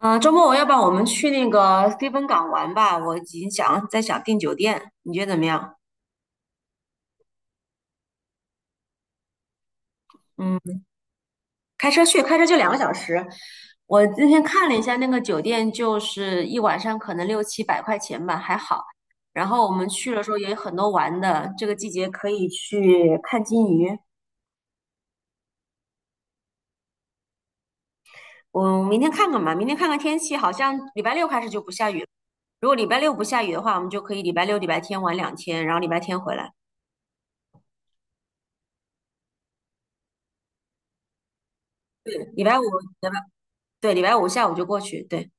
嗯，周末我要不然我们去那个飞芬港玩吧？我已经想在想订酒店，你觉得怎么样？嗯，开车去，开车就2个小时。我今天看了一下那个酒店，就是一晚上可能六七百块钱吧，还好。然后我们去的时候也有很多玩的，这个季节可以去看金鱼。我明天看看吧，明天看看天气，好像礼拜六开始就不下雨了。如果礼拜六不下雨的话，我们就可以礼拜六、礼拜天玩两天，然后礼拜天回来。对，礼拜五，对，礼拜五下午就过去。对。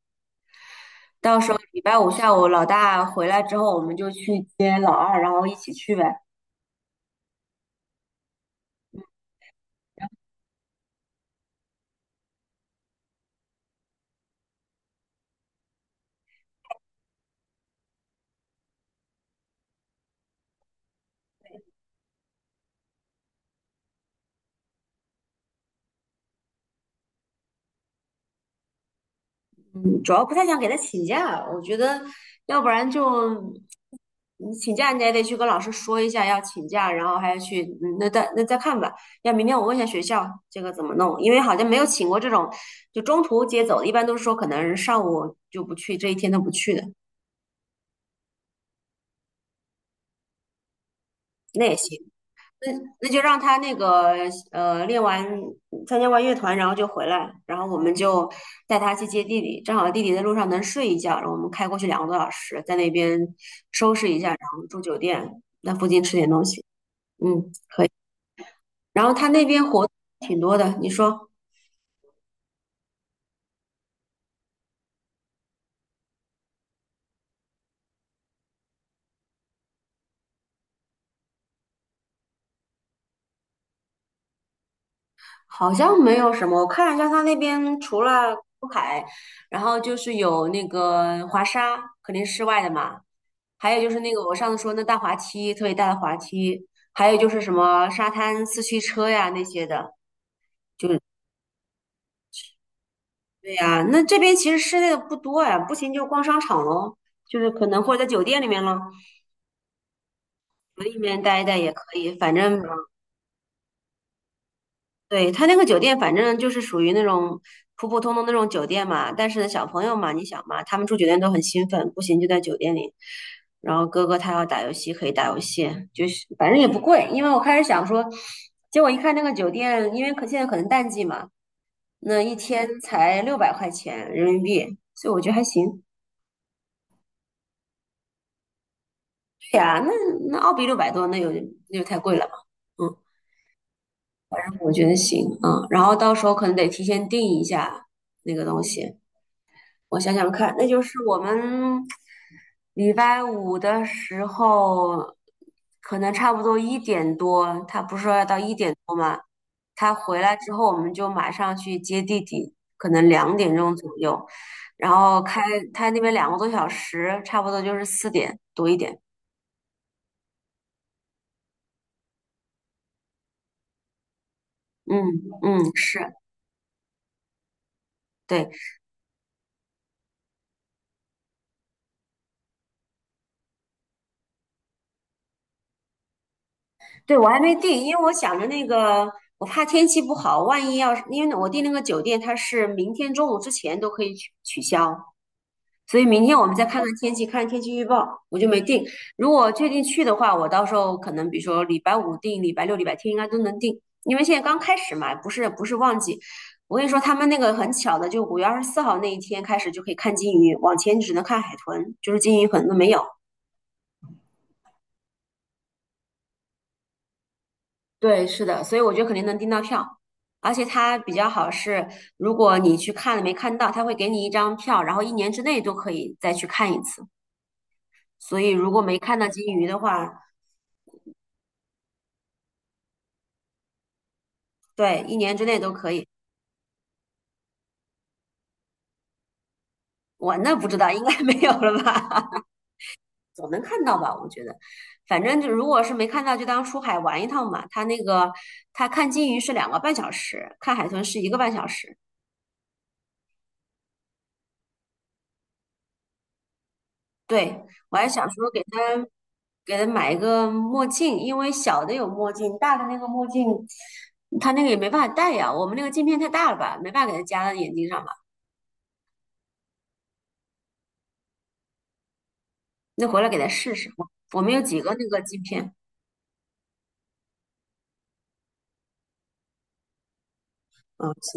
到时候礼拜五下午老大回来之后，我们就去接老二，然后一起去呗。嗯主要不太想给他请假，我觉得要不然就你请假，你也得去跟老师说一下要请假，然后还要去，嗯那再看吧。要明天我问一下学校这个怎么弄，因为好像没有请过这种就中途接走的，一般都是说可能上午就不去，这一天都不去的，那也行。那那就让他那个练完参加完乐团，然后就回来，然后我们就带他去接弟弟，正好弟弟在路上能睡一觉，然后我们开过去两个多小时，在那边收拾一下，然后住酒店，那附近吃点东西，嗯，可以。然后他那边活动挺多的，你说。好像没有什么，我看了一下，它那边除了出海，然后就是有那个滑沙，肯定是室外的嘛，还有就是那个我上次说那大滑梯，特别大的滑梯，还有就是什么沙滩四驱车呀那些的，就是对呀，那这边其实室内的不多呀，不行就逛商场喽，就是可能或者在酒店里面咯，酒店里面待一待也可以，反正对，他那个酒店，反正就是属于那种普普通通那种酒店嘛。但是呢，小朋友嘛，你想嘛，他们住酒店都很兴奋，不行就在酒店里。然后哥哥他要打游戏，可以打游戏，就是反正也不贵。因为我开始想说，结果一看那个酒店，因为可现在可能淡季嘛，那一天才600块钱人民币，所以我觉得还行。对呀，那那澳币600多，那有那就太贵了嘛。嗯，我觉得行，嗯，然后到时候可能得提前订一下那个东西。我想想看，那就是我们礼拜五的时候，可能差不多一点多，他不是说要到一点多吗？他回来之后，我们就马上去接弟弟，可能2点钟左右，然后他那边两个多小时，差不多就是4点多一点。嗯嗯，是对对，我还没定，因为我想着那个，我怕天气不好，万一要是因为我订那个酒店，它是明天中午之前都可以取消。所以明天我们再看看天气，看天气预报，我就没定。如果确定去的话，我到时候可能比如说礼拜五定，礼拜六、礼拜天应该都能定，因为现在刚开始嘛，不是旺季。我跟你说，他们那个很巧的，就5月24号那一天开始就可以看金鱼，往前只能看海豚，就是金鱼可能都没有。对，是的，所以我觉得肯定能订到票，而且它比较好是，如果你去看了没看到，它会给你一张票，然后一年之内都可以再去看一次。所以如果没看到金鱼的话，对，一年之内都可以。我那不知道，应该没有了吧？觉得反正就如果是没看到，就当出海玩一趟嘛。他那个他看金鱼是2个半小时，看海豚是1个半小时。对，我还想说给他给他买一个墨镜，因为小的有墨镜，大的那个墨镜他那个也没办法戴呀。我们那个镜片太大了吧，没办法给他夹到眼睛上吧。那回来给他试试，我们有几个那个镜片。嗯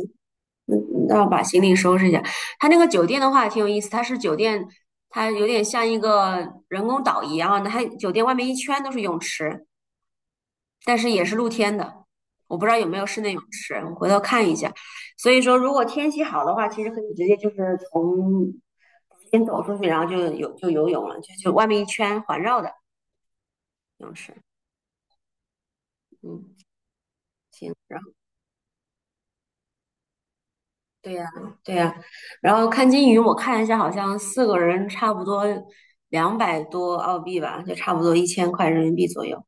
那我把行李收拾一下。它那个酒店的话挺有意思，它是酒店，它有点像一个人工岛一样的，它酒店外面一圈都是泳池，但是也是露天的。我不知道有没有室内泳池，我回头看一下。所以说，如果天气好的话，其实可以直接就是从房间走出去，然后就有就游泳了，就外面一圈环绕的泳池。嗯，行。然后。对呀，对呀，然后看金鱼，我看一下，好像四个人差不多200多澳币吧，就差不多1000块人民币左右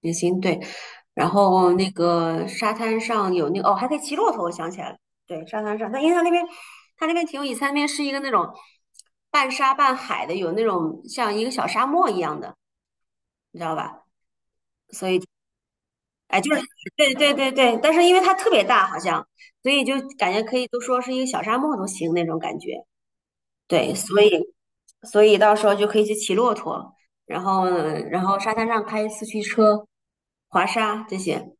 也行。对，然后那个沙滩上有那个哦，还可以骑骆驼，我想起来了，对，沙滩上，但因为它那边它那边挺有意思，它那边是一个那种半沙半海的，有那种像一个小沙漠一样的，你知道吧？所以哎，就是对对对对，但是因为它特别大，好像所以就感觉可以都说是一个小沙漠都行那种感觉。对，所以到时候就可以去骑骆驼，然后然后沙滩上开四驱车、滑沙这些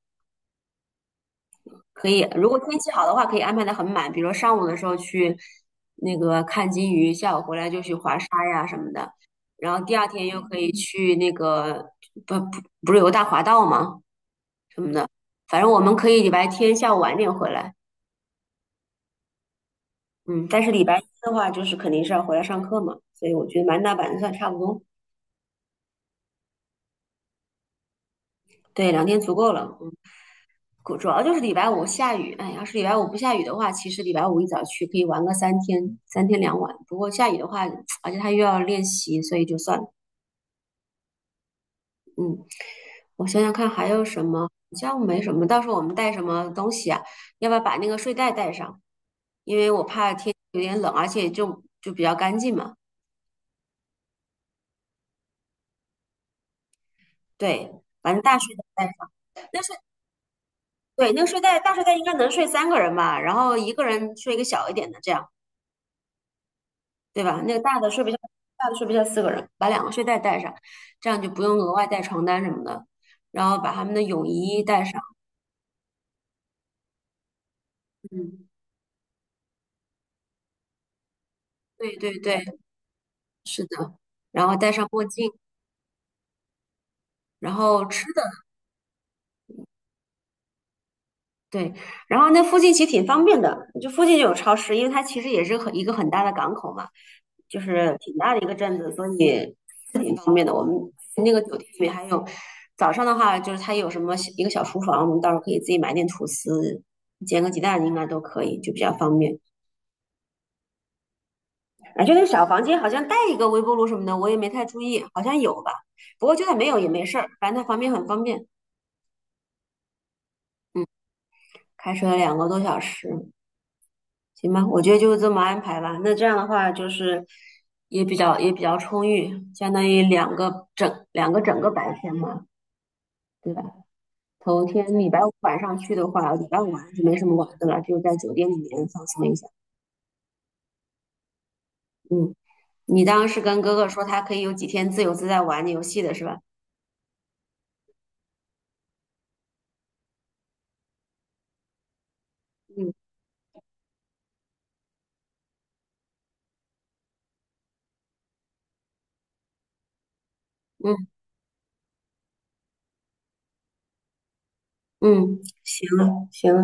可以。如果天气好的话，可以安排的很满，比如说上午的时候去那个看金鱼，下午回来就去滑沙呀什么的。然后第二天又可以去那个不不不是有个大滑道吗？什么的，反正我们可以礼拜天下午晚点回来，嗯，但是礼拜一的话就是肯定是要回来上课嘛，所以我觉得满打满算差不多，对，两天足够了。嗯主要就是礼拜五下雨，哎，要是礼拜五不下雨的话，其实礼拜五一早去可以玩个三天，3天2晚。不过下雨的话，而且他又要练习，所以就算了。嗯，我想想看还有什么，好像没什么。到时候我们带什么东西啊？要不要把那个睡袋带上？因为我怕天气有点冷，而且就比较干净嘛。对，反正大睡袋带上。对，那个睡袋大睡袋应该能睡3个人吧，然后一个人睡一个小一点的这样。对吧？那个大的睡不下，大的睡不下四个人，把2个睡袋带上，这样就不用额外带床单什么的。然后把他们的泳衣带上，嗯，对对对，是的。然后戴上墨镜，然后对，然后那附近其实挺方便的，就附近就有超市，因为它其实也是很一个很大的港口嘛，就是挺大的一个镇子，所以是挺方便的。我们那个酒店里面还有，早上的话就是它有什么一个小厨房，我们到时候可以自己买点吐司，煎个鸡蛋应该都可以，就比较方便。啊，就那小房间好像带一个微波炉什么的，我也没太注意，好像有吧。不过就算没有也没事儿，反正它旁边很方便。嗯，开车两个多小时。行吧，我觉得就这么安排吧。那这样的话，就是也比较充裕，相当于两个整个白天嘛，对吧？头天礼拜五晚上去的话，礼拜五晚上就没什么玩的了，就在酒店里面放松一下。嗯，你当时跟哥哥说他可以有几天自由自在玩游戏的是吧？嗯嗯嗯，行了行了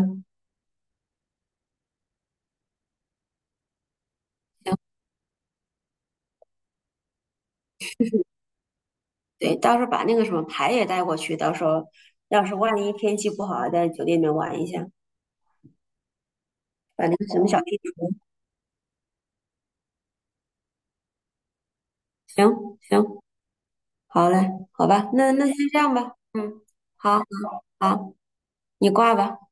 行，对，到时候把那个什么牌也带过去，到时候要是万一天气不好，在酒店里面玩一下，把那个什么小地图，行行。好嘞，好吧，那先这样吧，嗯，好，好，你挂吧。